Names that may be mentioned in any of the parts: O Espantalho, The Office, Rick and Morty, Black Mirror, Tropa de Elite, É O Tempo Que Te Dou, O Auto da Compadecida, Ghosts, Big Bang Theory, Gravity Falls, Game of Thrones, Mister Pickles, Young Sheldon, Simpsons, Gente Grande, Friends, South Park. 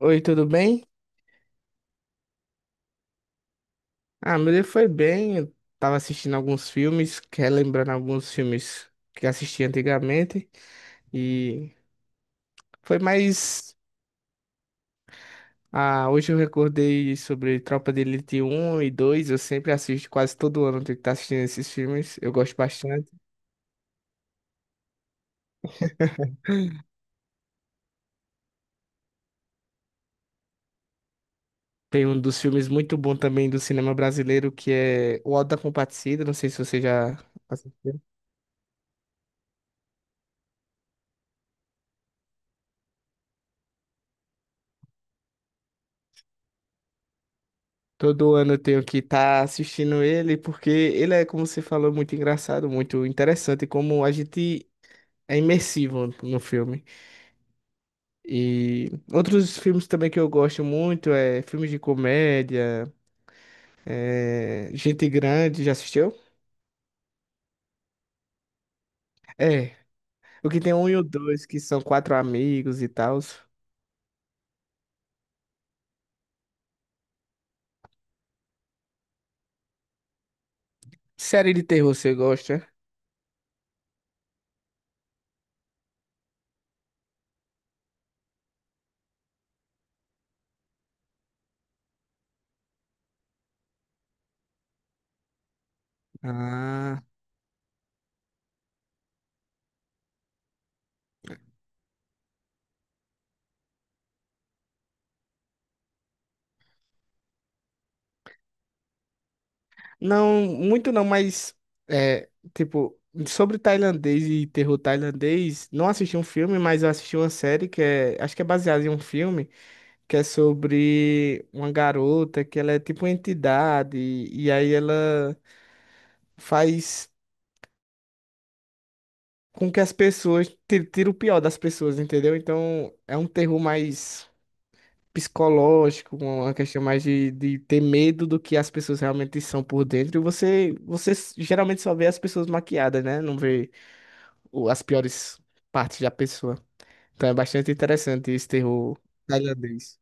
Oi, tudo bem? Ah, meu dia foi bem. Eu tava assistindo alguns filmes, relembrando alguns filmes que assisti antigamente. E foi mais. Ah, hoje eu recordei sobre Tropa de Elite um e 2. Eu sempre assisto, quase todo ano eu tenho que estar assistindo esses filmes. Eu gosto bastante. Tem um dos filmes muito bom também do cinema brasileiro que é O Auto da Compadecida. Não sei se você já assistiu. Todo ano eu tenho que estar assistindo ele, porque ele é, como você falou, muito engraçado, muito interessante, como a gente é imersivo no filme. E outros filmes também que eu gosto muito é filmes de comédia, é Gente Grande, já assistiu? É. O que tem um e o dois, que são quatro amigos e tal. Série de terror você gosta? Ah. Não, muito não, mas é, tipo, sobre tailandês e terror tailandês, não assisti um filme, mas eu assisti uma série que é, acho que é baseada em um filme, que é sobre uma garota que ela é tipo uma entidade e aí ela faz com que as pessoas tira o pior das pessoas, entendeu? Então, é um terror mais psicológico, uma questão mais de ter medo do que as pessoas realmente são por dentro. E você, geralmente só vê as pessoas maquiadas, né? Não vê as piores partes da pessoa. Então é bastante interessante esse terror tailandês.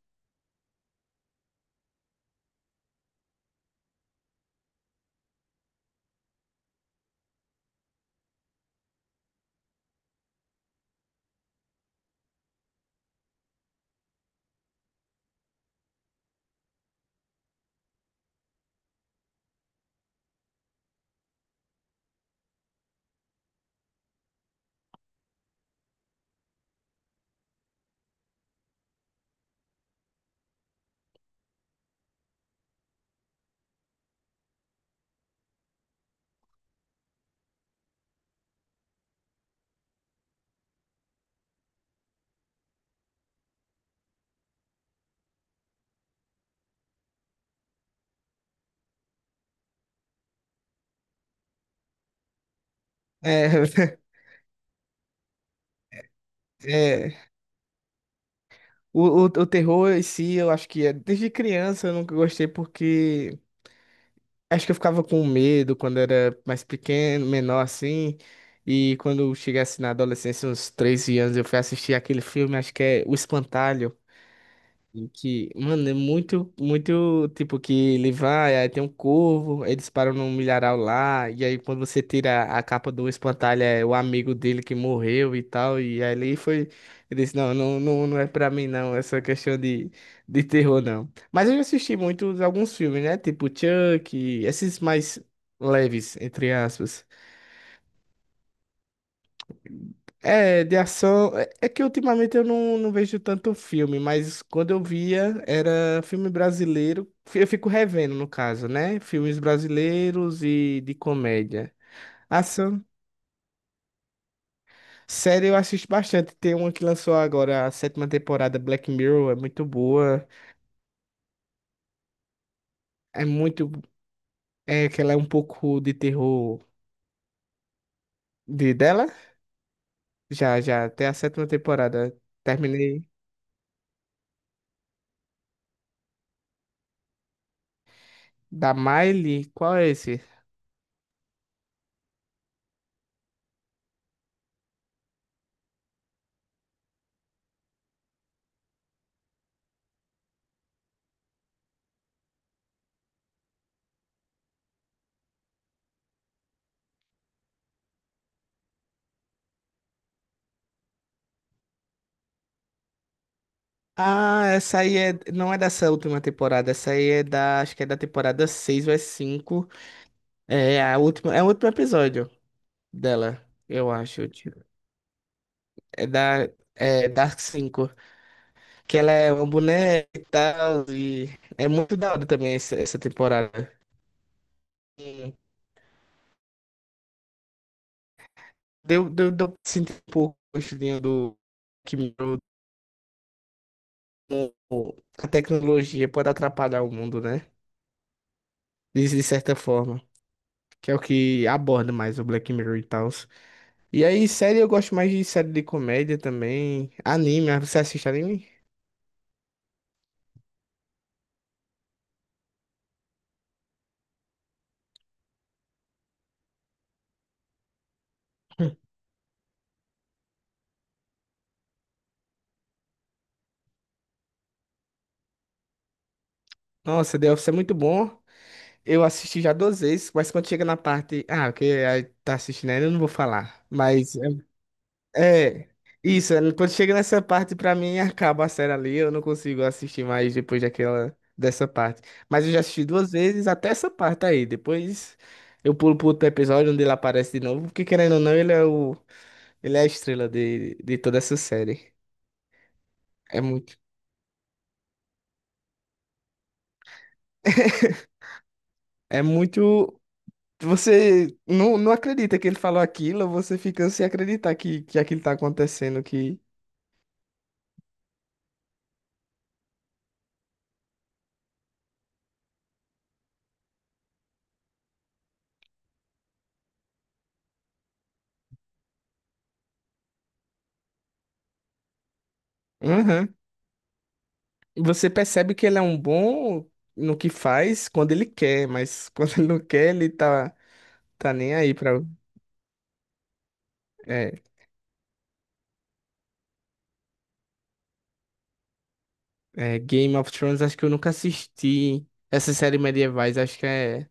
É, é, o terror em si, eu acho que é, desde criança eu nunca gostei porque acho que eu ficava com medo quando era mais pequeno, menor assim. E quando eu chegasse na adolescência, uns 13 anos, eu fui assistir aquele filme, acho que é O Espantalho. E que, mano, é muito, muito, tipo, que ele vai, aí tem um corvo, aí eles param num milharal lá, e aí quando você tira a capa do espantalho, é o amigo dele que morreu e tal, e aí ele foi, ele disse, não, não, não, não é pra mim não, essa questão de terror não. Mas eu já assisti muitos, alguns filmes, né, tipo Chuck, esses mais leves, entre aspas. É, de ação. É que ultimamente eu não, não vejo tanto filme, mas quando eu via era filme brasileiro. Eu fico revendo, no caso, né? Filmes brasileiros e de comédia. Ação. Série eu assisto bastante. Tem uma que lançou agora a sétima temporada, Black Mirror, é muito boa. É muito. É que ela é um pouco de terror de dela. Já, já, até a sétima temporada. Terminei. Da Miley? Qual é esse? Ah, essa aí é, não é dessa última temporada, essa aí é da, acho que é da temporada 6 ou é 5. É a última, é o último episódio dela, eu acho. Tipo, É da é Dark 5 que ela é uma boneca e tal, e é muito da hora também essa temporada. Hum, deu pra sentir um pouco o gostinho do que melhorou como a tecnologia pode atrapalhar o mundo, né? De certa forma, que é o que aborda mais o Black Mirror e tal. E aí, série, eu gosto mais de série de comédia também. Anime, ah, você assiste anime? Nossa, The Office é muito bom. Eu assisti já duas vezes, mas quando chega na parte. Ah, que aí tá assistindo ainda, eu não vou falar. Mas é. Isso, é, quando chega nessa parte, pra mim, acaba a série ali. Eu não consigo assistir mais depois daquela, dessa parte. Mas eu já assisti duas vezes até essa parte aí. Depois eu pulo pro outro episódio onde ele aparece de novo. Porque querendo ou não, ele é o. Ele é a estrela de toda essa série. É muito. É muito. Você não, não acredita que ele falou aquilo, você fica sem acreditar que aquilo tá acontecendo, que. Uhum. Você percebe que ele é um bom no que faz quando ele quer, mas quando ele não quer, ele tá, tá nem aí pra. É, é, Game of Thrones, acho que eu nunca assisti. Essa série medievais, acho que é,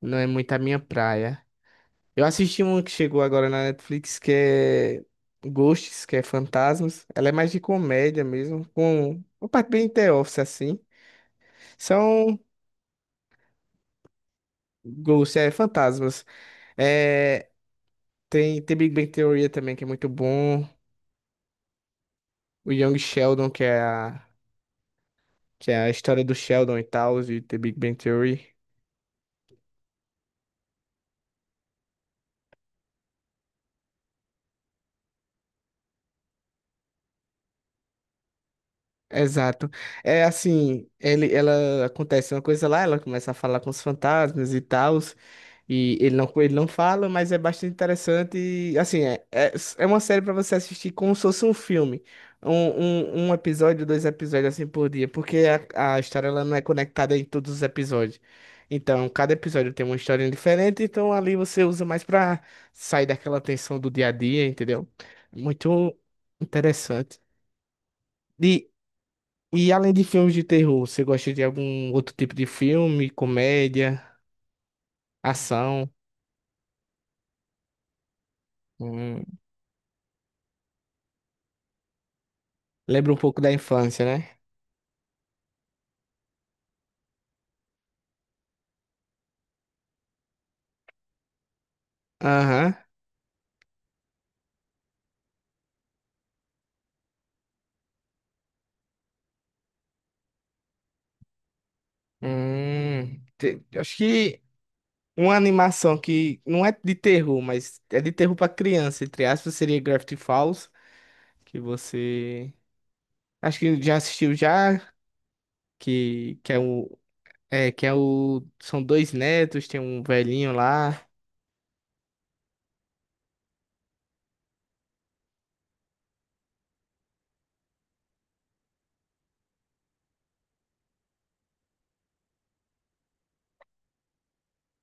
não é muito a minha praia. Eu assisti uma que chegou agora na Netflix, que é Ghosts, que é Fantasmas. Ela é mais de comédia mesmo, com uma parte bem The Office, assim. São Ghosts, é Fantasmas. É, tem Big Bang Theory também, que é muito bom. O Young Sheldon, que é a história do Sheldon e tal, e The Big Bang Theory. Exato. É assim, ele, ela acontece uma coisa lá, ela começa a falar com os fantasmas e tal, e ele não fala, mas é bastante interessante. E, assim, é uma série para você assistir como se fosse um filme. Um, um episódio, dois episódios assim por dia, porque a história ela não é conectada em todos os episódios. Então, cada episódio tem uma história diferente, então ali você usa mais para sair daquela tensão do dia a dia, entendeu? Muito interessante. E, e além de filmes de terror, você gosta de algum outro tipo de filme, comédia, ação? Hum, lembra um pouco da infância, né? Aham. Acho que uma animação que não é de terror, mas é de terror pra criança, entre aspas, seria Gravity Falls, que você acho que já assistiu já, que que é o que é o são dois netos, tem um velhinho lá.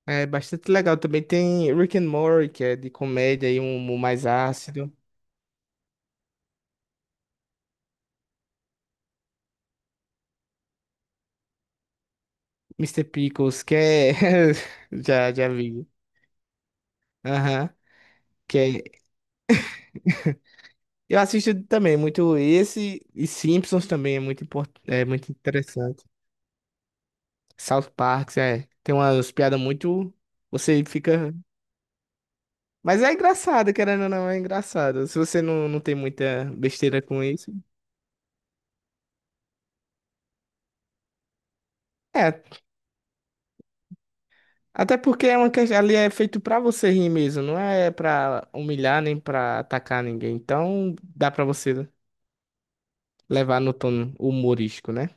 É bastante legal. Também tem Rick and Morty, que é de comédia e um humor mais ácido. Mister Pickles, que é. Já, já vi. Aham. Que é... Eu assisto também muito esse. E Simpsons também é muito, import... é muito interessante. South Park, é. Tem umas piadas muito. Você fica. Mas é engraçado, querendo ou não, é engraçado. Se você não, não tem muita besteira com isso. É, até porque é uma questão, ali é feito pra você rir mesmo, não é pra humilhar nem pra atacar ninguém. Então dá pra você levar no tom humorístico, né?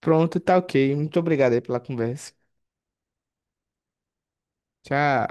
Pronto, tá ok. Muito obrigado aí pela conversa. Tchau.